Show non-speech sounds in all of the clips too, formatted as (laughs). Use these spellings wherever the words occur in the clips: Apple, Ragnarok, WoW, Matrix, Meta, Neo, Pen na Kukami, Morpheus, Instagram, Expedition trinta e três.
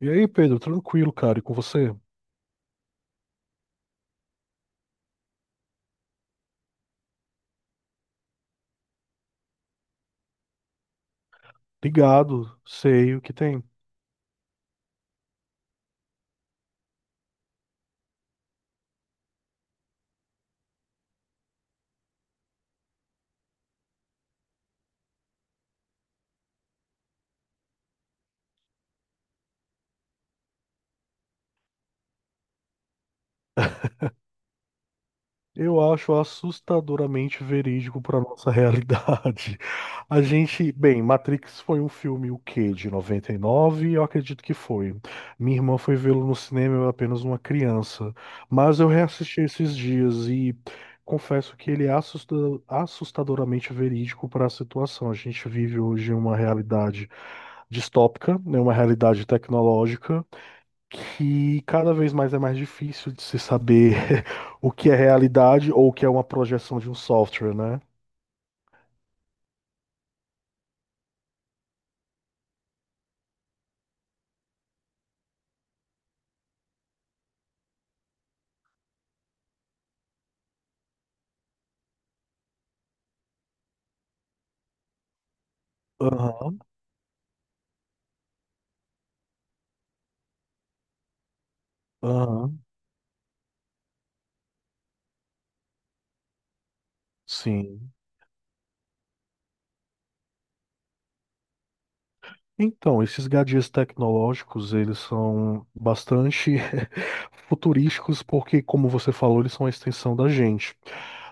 E aí, Pedro, tranquilo, cara, e com você? Ligado, sei o que tem. Eu acho assustadoramente verídico para nossa (laughs) realidade. A gente, bem, Matrix foi um filme o quê? De 99? Eu acredito que foi. Minha irmã foi vê-lo no cinema, eu era apenas uma criança, mas eu reassisti esses dias e confesso que ele é assustadoramente verídico para a situação. A gente vive hoje uma realidade distópica, né, uma realidade tecnológica que cada vez mais é mais difícil de se saber (laughs) o que é realidade ou o que é uma projeção de um software, né? Aham, aham, sim. Então, esses gadgets tecnológicos, eles são bastante (laughs) futurísticos porque, como você falou, eles são a extensão da gente.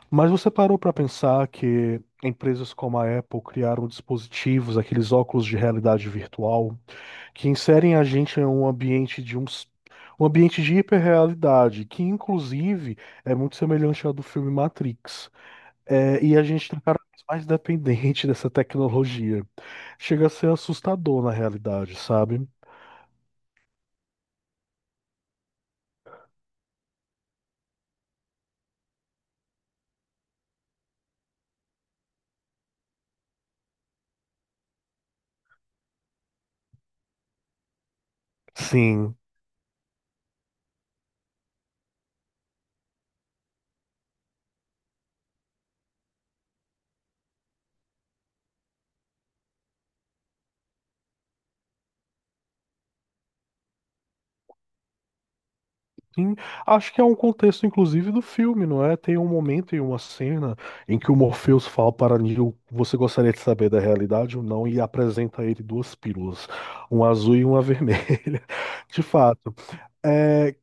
Mas você parou para pensar que empresas como a Apple criaram dispositivos, aqueles óculos de realidade virtual, que inserem a gente em um ambiente um ambiente de hiperrealidade, que inclusive é muito semelhante ao do filme Matrix. É, e a gente tá cada vez mais dependente (laughs) dessa tecnologia. Chega a ser assustador na realidade, sabe? Sim. Sim, acho que é um contexto, inclusive, do filme, não é? Tem um momento e uma cena em que o Morpheus fala para Neo, você gostaria de saber da realidade ou não, e apresenta a ele duas pílulas, uma azul e uma vermelha. (laughs) De fato. É,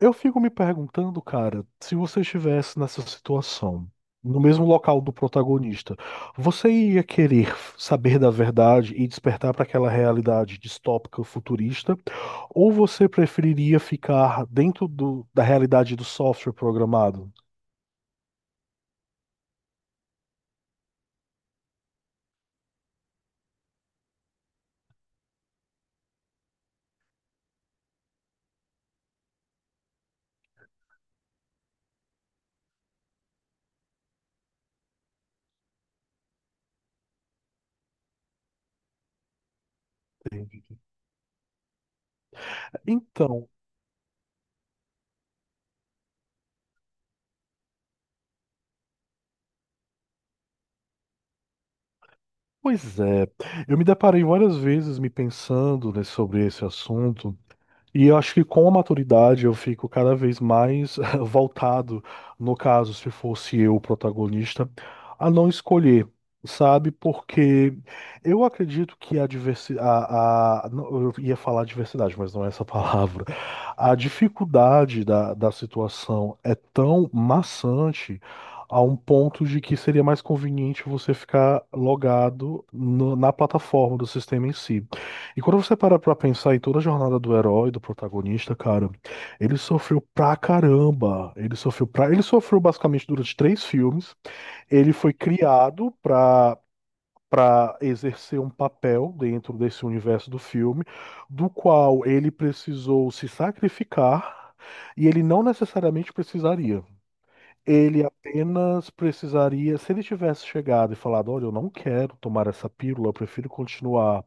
eu fico me perguntando, cara, se você estivesse nessa situação, no mesmo local do protagonista, você ia querer saber da verdade e despertar para aquela realidade distópica futurista, ou você preferiria ficar dentro da realidade do software programado? Entendi. Então, pois é, eu me deparei várias vezes me pensando, né, sobre esse assunto, e eu acho que com a maturidade eu fico cada vez mais (laughs) voltado, no caso, se fosse eu o protagonista, a não escolher, sabe? Porque eu acredito que a diversidade. Não, eu ia falar diversidade, mas não é essa (laughs) palavra. A dificuldade da situação é tão maçante a um ponto de que seria mais conveniente você ficar logado na plataforma do sistema em si. E quando você para pra pensar em toda a jornada do herói, do protagonista, cara, ele sofreu pra caramba. Ele sofreu pra... Ele sofreu basicamente durante três filmes. Ele foi criado pra exercer um papel dentro desse universo do filme, do qual ele precisou se sacrificar e ele não necessariamente precisaria. Ele apenas precisaria, se ele tivesse chegado e falado, olha, eu não quero tomar essa pílula, eu prefiro continuar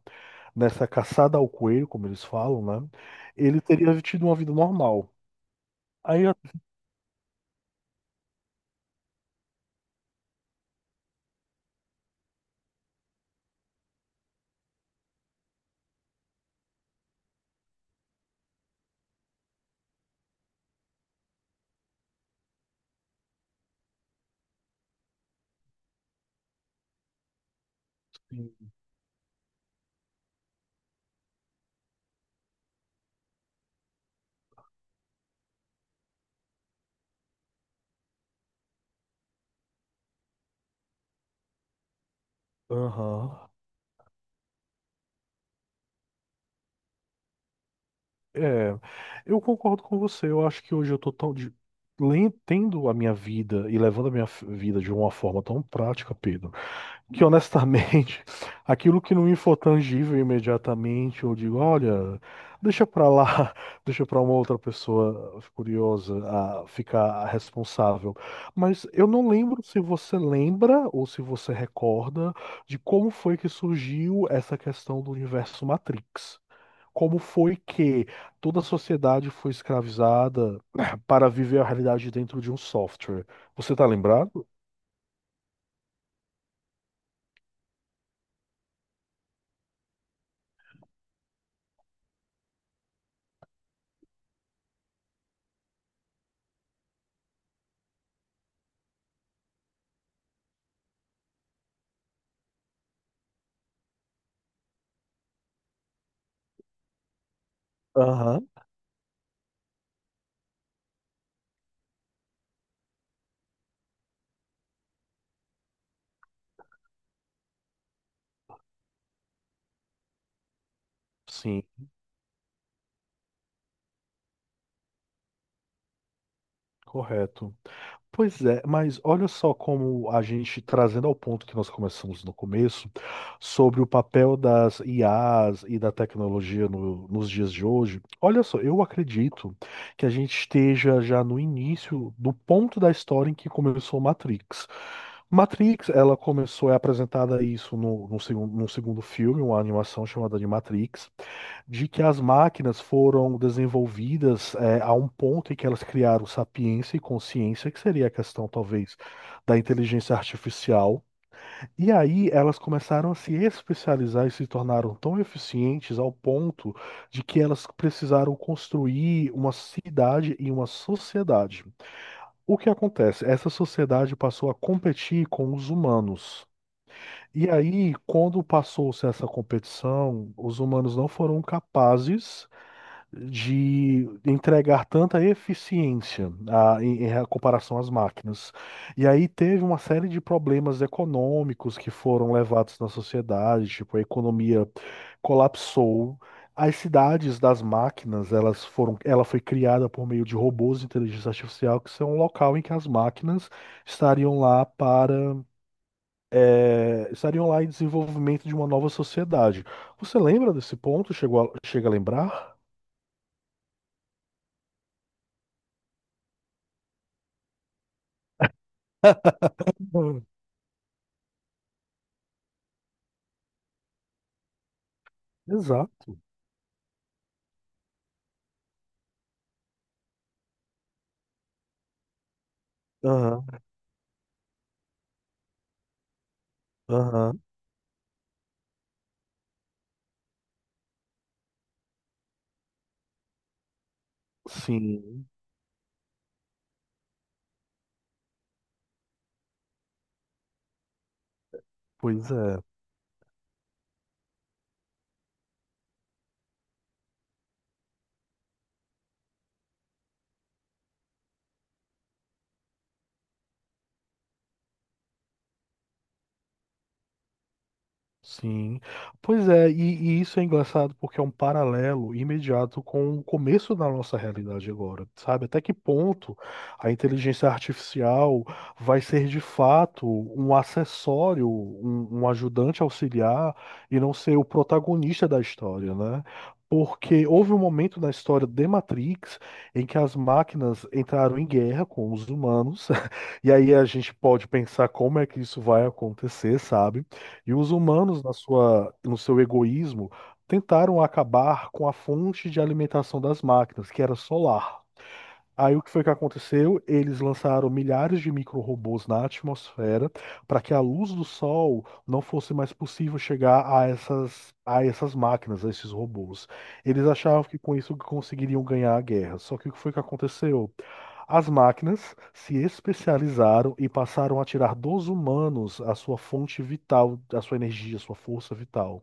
nessa caçada ao coelho, como eles falam, né? Ele teria tido uma vida normal. Aí assim, aham. É, eu concordo com você. Eu acho que hoje eu tô tão de, tendo a minha vida e levando a minha vida de uma forma tão prática, Pedro. Que honestamente, (laughs) aquilo que não me for tangível imediatamente, eu digo, olha, deixa pra lá, (laughs) deixa pra uma outra pessoa curiosa a ficar responsável. Mas eu não lembro se você lembra ou se você recorda de como foi que surgiu essa questão do universo Matrix. Como foi que toda a sociedade foi escravizada (laughs) (clears throat) para viver a realidade dentro de um software? Você tá lembrado? Aham. Sim, correto. Pois é, mas olha só como a gente trazendo ao ponto que nós começamos no começo, sobre o papel das IAs e da tecnologia nos dias de hoje. Olha só, eu acredito que a gente esteja já no início do ponto da história em que começou Matrix. Matrix, ela começou, é apresentada isso no segundo filme, uma animação chamada de Matrix de que as máquinas foram desenvolvidas é, a um ponto em que elas criaram sapiência e consciência, que seria a questão, talvez, da inteligência artificial. E aí elas começaram a se especializar e se tornaram tão eficientes ao ponto de que elas precisaram construir uma cidade e uma sociedade. O que acontece? Essa sociedade passou a competir com os humanos. E aí, quando passou-se essa competição, os humanos não foram capazes de entregar tanta eficiência em, em comparação às máquinas. E aí teve uma série de problemas econômicos que foram levados na sociedade, tipo, a economia colapsou. As cidades das máquinas, elas foram, ela foi criada por meio de robôs de inteligência artificial, que são um local em que as máquinas estariam lá para, eh, estariam lá em desenvolvimento de uma nova sociedade. Você lembra desse ponto? Chega a lembrar? (laughs) Exato. Aham, aham. Sim, pois é. Sim. Pois é, e isso é engraçado porque é um paralelo imediato com o começo da nossa realidade agora, sabe? Até que ponto a inteligência artificial vai ser de fato um acessório, um ajudante auxiliar e não ser o protagonista da história, né? Porque houve um momento na história de Matrix em que as máquinas entraram em guerra com os humanos, (laughs) e aí a gente pode pensar como é que isso vai acontecer, sabe? E os humanos, na sua, no seu egoísmo, tentaram acabar com a fonte de alimentação das máquinas, que era solar. Aí o que foi que aconteceu? Eles lançaram milhares de micro-robôs na atmosfera para que a luz do sol não fosse mais possível chegar a essas máquinas, a esses robôs. Eles achavam que com isso conseguiriam ganhar a guerra. Só que o que foi que aconteceu? As máquinas se especializaram e passaram a tirar dos humanos a sua fonte vital, a sua energia, a sua força vital.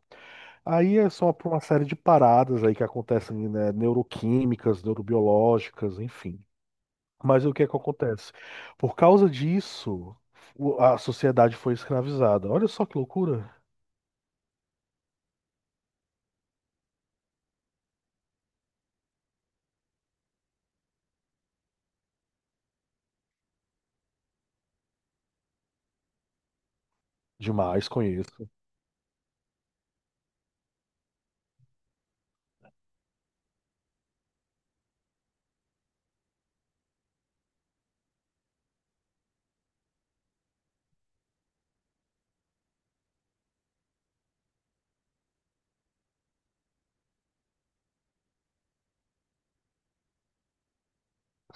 Aí é só por uma série de paradas aí que acontecem, né, neuroquímicas, neurobiológicas, enfim. Mas o que é que acontece? Por causa disso, a sociedade foi escravizada. Olha só que loucura. Demais, conheço.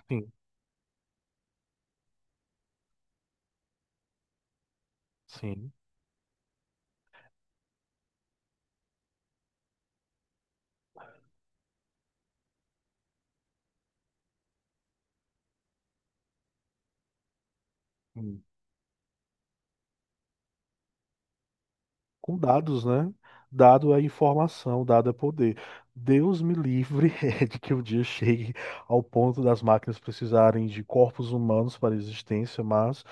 Sim, sim. Com dados, né? Dado é informação, dado é poder. Deus me livre (laughs) de que o dia chegue ao ponto das máquinas precisarem de corpos humanos para a existência, mas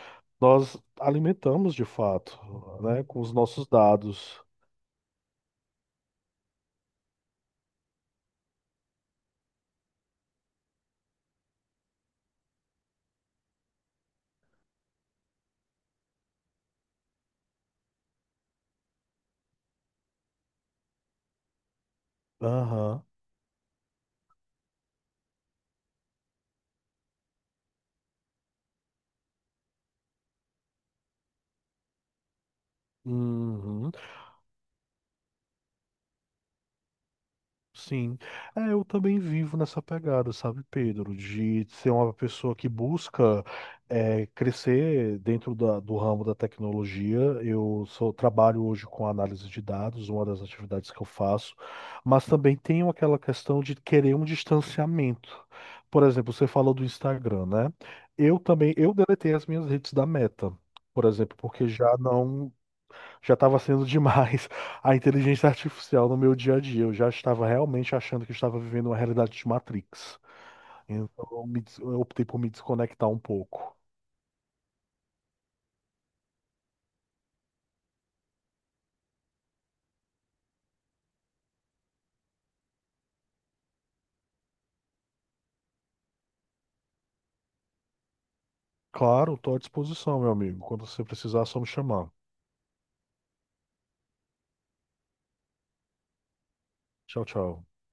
nós alimentamos de fato, né, com os nossos dados. Aham. Uhum. Sim, é, eu também vivo nessa pegada, sabe, Pedro, de ser uma pessoa que busca é, crescer dentro do ramo da tecnologia. Eu sou, trabalho hoje com análise de dados, uma das atividades que eu faço, mas também tenho aquela questão de querer um distanciamento. Por exemplo, você falou do Instagram, né? Eu também, eu deletei as minhas redes da Meta, por exemplo, porque já não já estava sendo demais (laughs) a inteligência artificial no meu dia a dia. Eu já estava realmente achando que estava vivendo uma realidade de Matrix. Então, eu optei por me desconectar um pouco. Claro, estou à disposição, meu amigo. Quando você precisar, é só me chamar. Tchau, tchau.